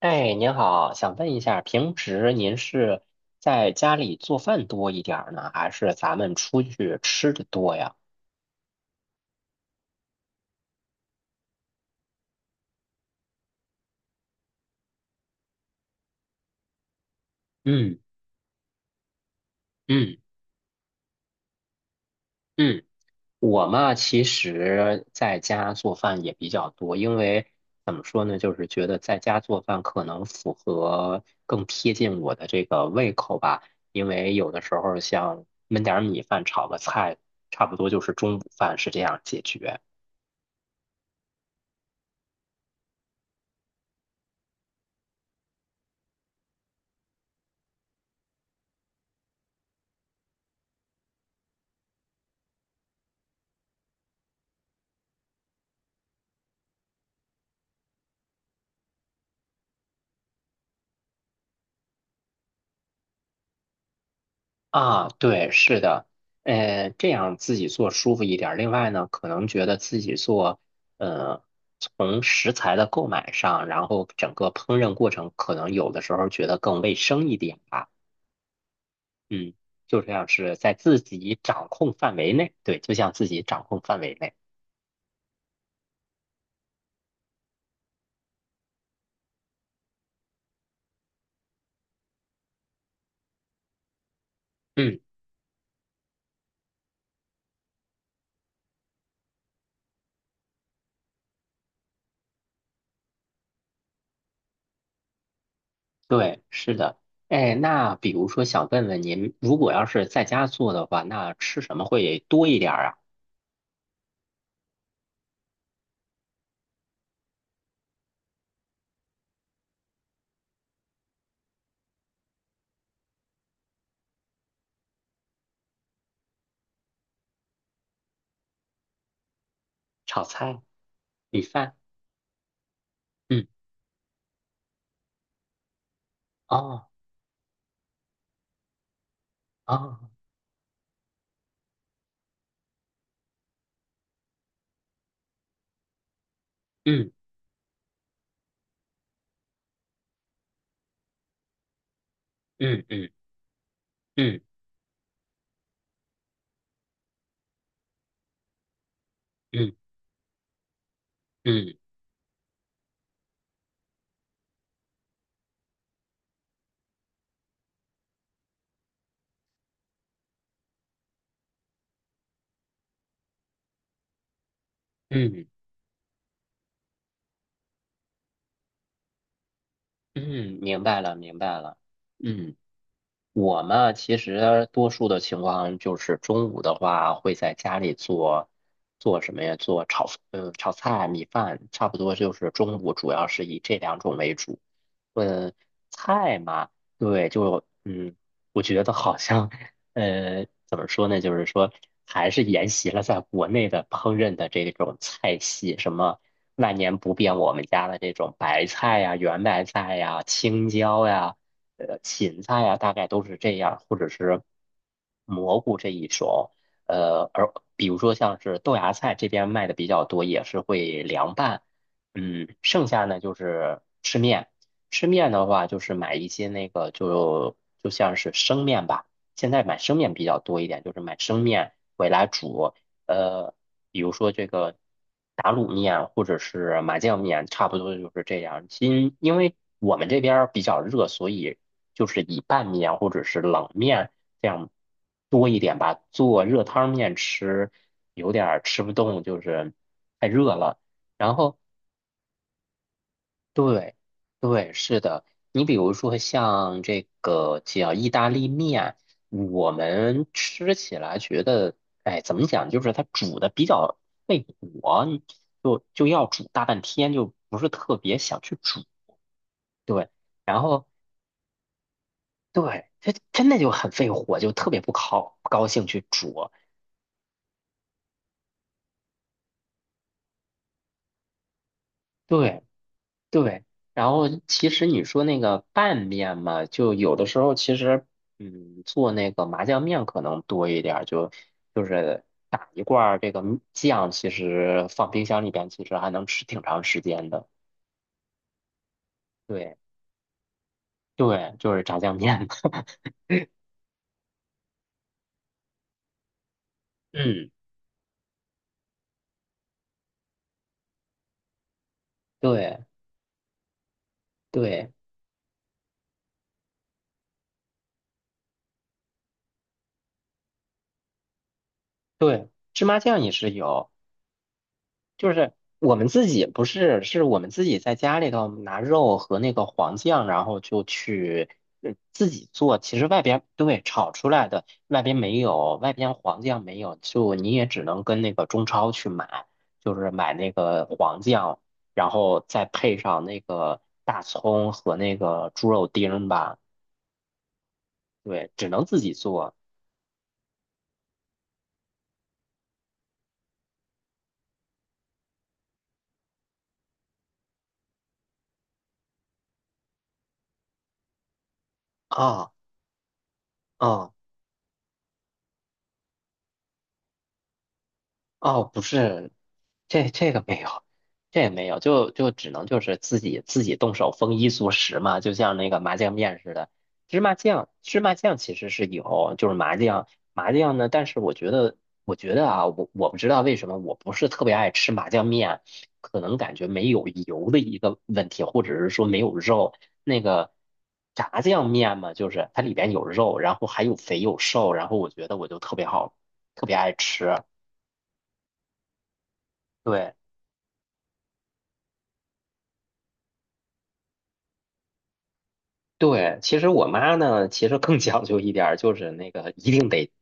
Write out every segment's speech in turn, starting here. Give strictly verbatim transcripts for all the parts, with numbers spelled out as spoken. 哎，您好，想问一下，平时您是在家里做饭多一点儿呢，还是咱们出去吃的多呀？嗯嗯嗯，我嘛，其实在家做饭也比较多，因为怎么说呢，就是觉得在家做饭可能符合更贴近我的这个胃口吧，因为有的时候像焖点儿米饭、炒个菜，差不多就是中午饭是这样解决。啊，对，是的，呃，这样自己做舒服一点儿。另外呢，可能觉得自己做，呃，从食材的购买上，然后整个烹饪过程，可能有的时候觉得更卫生一点吧。嗯，就这样是在自己掌控范围内，对，就像自己掌控范围内。嗯，对，是的。哎，那比如说想问问您，如果要是在家做的话，那吃什么会多一点儿啊？炒菜、米饭？嗯，哦，哦。嗯。嗯嗯嗯嗯嗯嗯嗯，嗯明白了明白了。嗯，我嘛，其实多数的情况就是中午的话，会在家里做做什么呀？做炒呃炒菜、米饭，差不多就是中午主要是以这两种为主。嗯，菜嘛，对，就嗯，我觉得好像。呃，怎么说呢？就是说，还是沿袭了在国内的烹饪的这种菜系，什么万年不变我们家的这种白菜呀、圆白菜呀、青椒呀、呃芹菜呀，大概都是这样，或者是蘑菇这一种。呃，而比如说像是豆芽菜这边卖的比较多，也是会凉拌。嗯，剩下呢就是吃面。吃面的话，就是买一些那个就就像是生面吧。现在买生面比较多一点，就是买生面回来煮，呃，比如说这个打卤面或者是麻酱面，差不多就是这样。因因为我们这边儿比较热，所以就是以拌面或者是冷面这样多一点吧。做热汤面吃有点儿吃不动，就是太热了。然后对，对，是的。你比如说像这个叫意大利面，我们吃起来觉得，哎，怎么讲，就是它煮的比较费火，你就就要煮大半天，就不是特别想去煮。对，然后对，它真的就很费火，就特别不高不高兴去煮。对，对，然后其实你说那个拌面嘛，就有的时候其实，嗯，做那个麻酱面可能多一点儿，就就是打一罐儿这个酱，其实放冰箱里边，其实还能吃挺长时间的。对对，就是炸酱面。嗯，对对对，芝麻酱也是有。就是我们自己不是，是我们自己在家里头拿肉和那个黄酱，然后就去呃自己做。其实外边对炒出来的，外边没有，外边黄酱没有，就你也只能跟那个中超去买，就是买那个黄酱，然后再配上那个大葱和那个猪肉丁儿吧。对，只能自己做啊啊。哦，不是，这这个没有，这也没有，就就只能就是自己自己动手丰衣足食嘛，就像那个麻酱面似的。芝麻酱，芝麻酱其实是有，就是麻酱，麻酱呢，但是我觉得，我觉得啊，我我不知道为什么我不是特别爱吃麻酱面，可能感觉没有油的一个问题，或者是说没有肉。那个炸酱面嘛，就是它里边有肉，然后还有肥有瘦，然后我觉得我就特别好，特别爱吃。对，对，其实我妈呢，其实更讲究一点儿，就是那个一定得，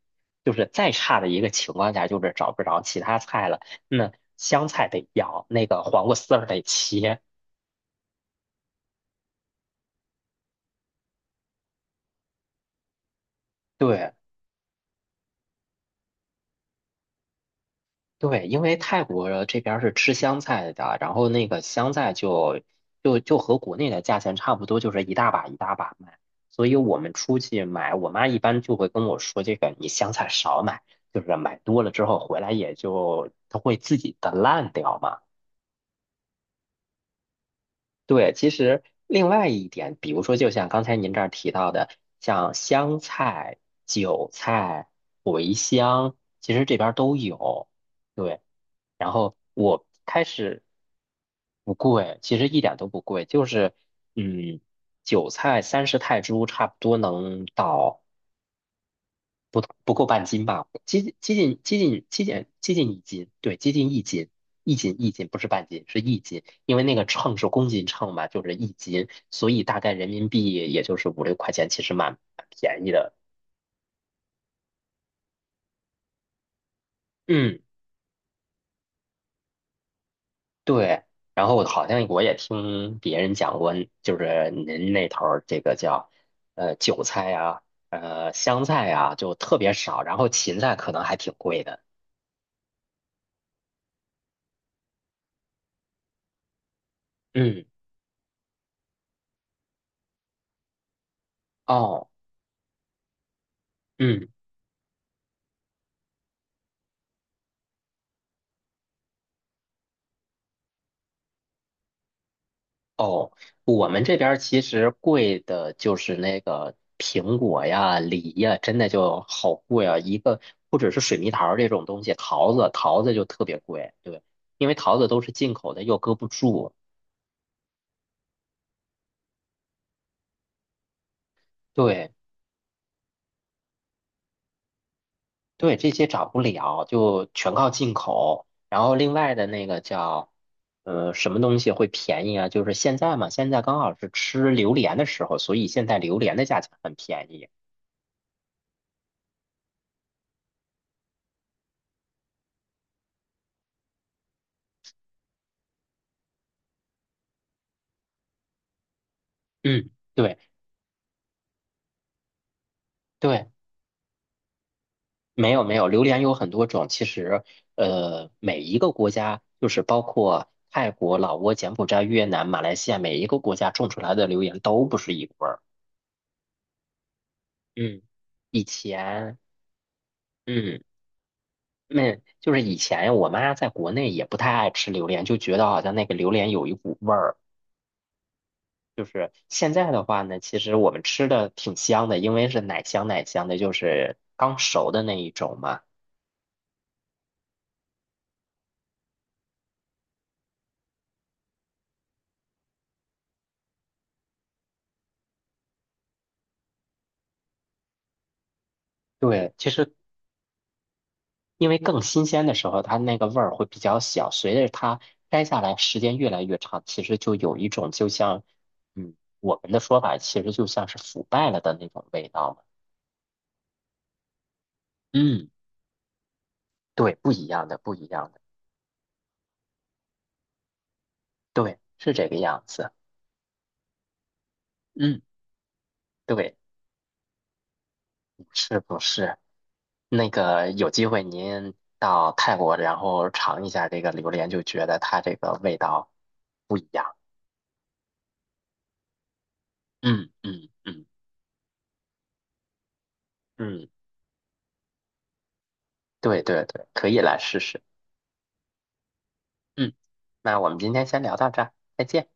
就是再差的一个情况下，就是找不着其他菜了，那香菜得要，那个黄瓜丝儿得切。对对，因为泰国这边儿是吃香菜的，然后那个香菜就就就和国内的价钱差不多，就是一大把一大把卖。所以我们出去买，我妈一般就会跟我说，这个你香菜少买，就是买多了之后回来也就它会自己的烂掉嘛。对，其实另外一点，比如说，就像刚才您这儿提到的，像香菜、韭菜、茴香，其实这边儿都有。对，然后我开始不贵，其实一点都不贵，就是嗯，韭菜三十泰铢差不多能到。不不够半斤吧，接近接近接近接近接近一斤，对，接近一斤，一斤一斤不是半斤，是一斤，因为那个秤是公斤秤嘛，就是一斤，所以大概人民币也就是五六块钱，其实蛮蛮便宜的。嗯，对。然后好像我也听别人讲过，就是您那头儿这个叫呃韭菜呀、呃香菜呀、就特别少，然后芹菜可能还挺贵的。嗯，哦。嗯。哦，我们这边儿其实贵的就是那个苹果呀、梨呀，真的就好贵啊！一个不只是水蜜桃儿这种东西，桃子桃子就特别贵，对，因为桃子都是进口的，又搁不住，对对，这些涨不了，就全靠进口。然后另外的那个叫呃什么东西会便宜啊？就是现在嘛，现在刚好是吃榴莲的时候，所以现在榴莲的价钱很便宜。嗯，对。对，没有没有，榴莲有很多种。其实，呃，每一个国家，就是包括泰国、老挝、柬埔寨、越南、马来西亚，每一个国家种出来的榴莲都不是一个味儿。嗯，以前，嗯，那就是以前我妈在国内也不太爱吃榴莲，就觉得好像那个榴莲有一股味儿。就是现在的话呢，其实我们吃的挺香的，因为是奶香奶香的，就是刚熟的那一种嘛。对，其实因为更新鲜的时候，它那个味儿会比较小，随着它摘下来时间越来越长，其实就有一种就像，嗯，我们的说法其实就像是腐败了的那种味道嘛。嗯，对，不一样的，不一样的，对，是这个样子。嗯，对，是不是？那个有机会您到泰国，然后尝一下这个榴莲，就觉得它这个味道不一样。嗯嗯嗯嗯，对对对，可以来试试。嗯，那我们今天先聊到这儿，再见。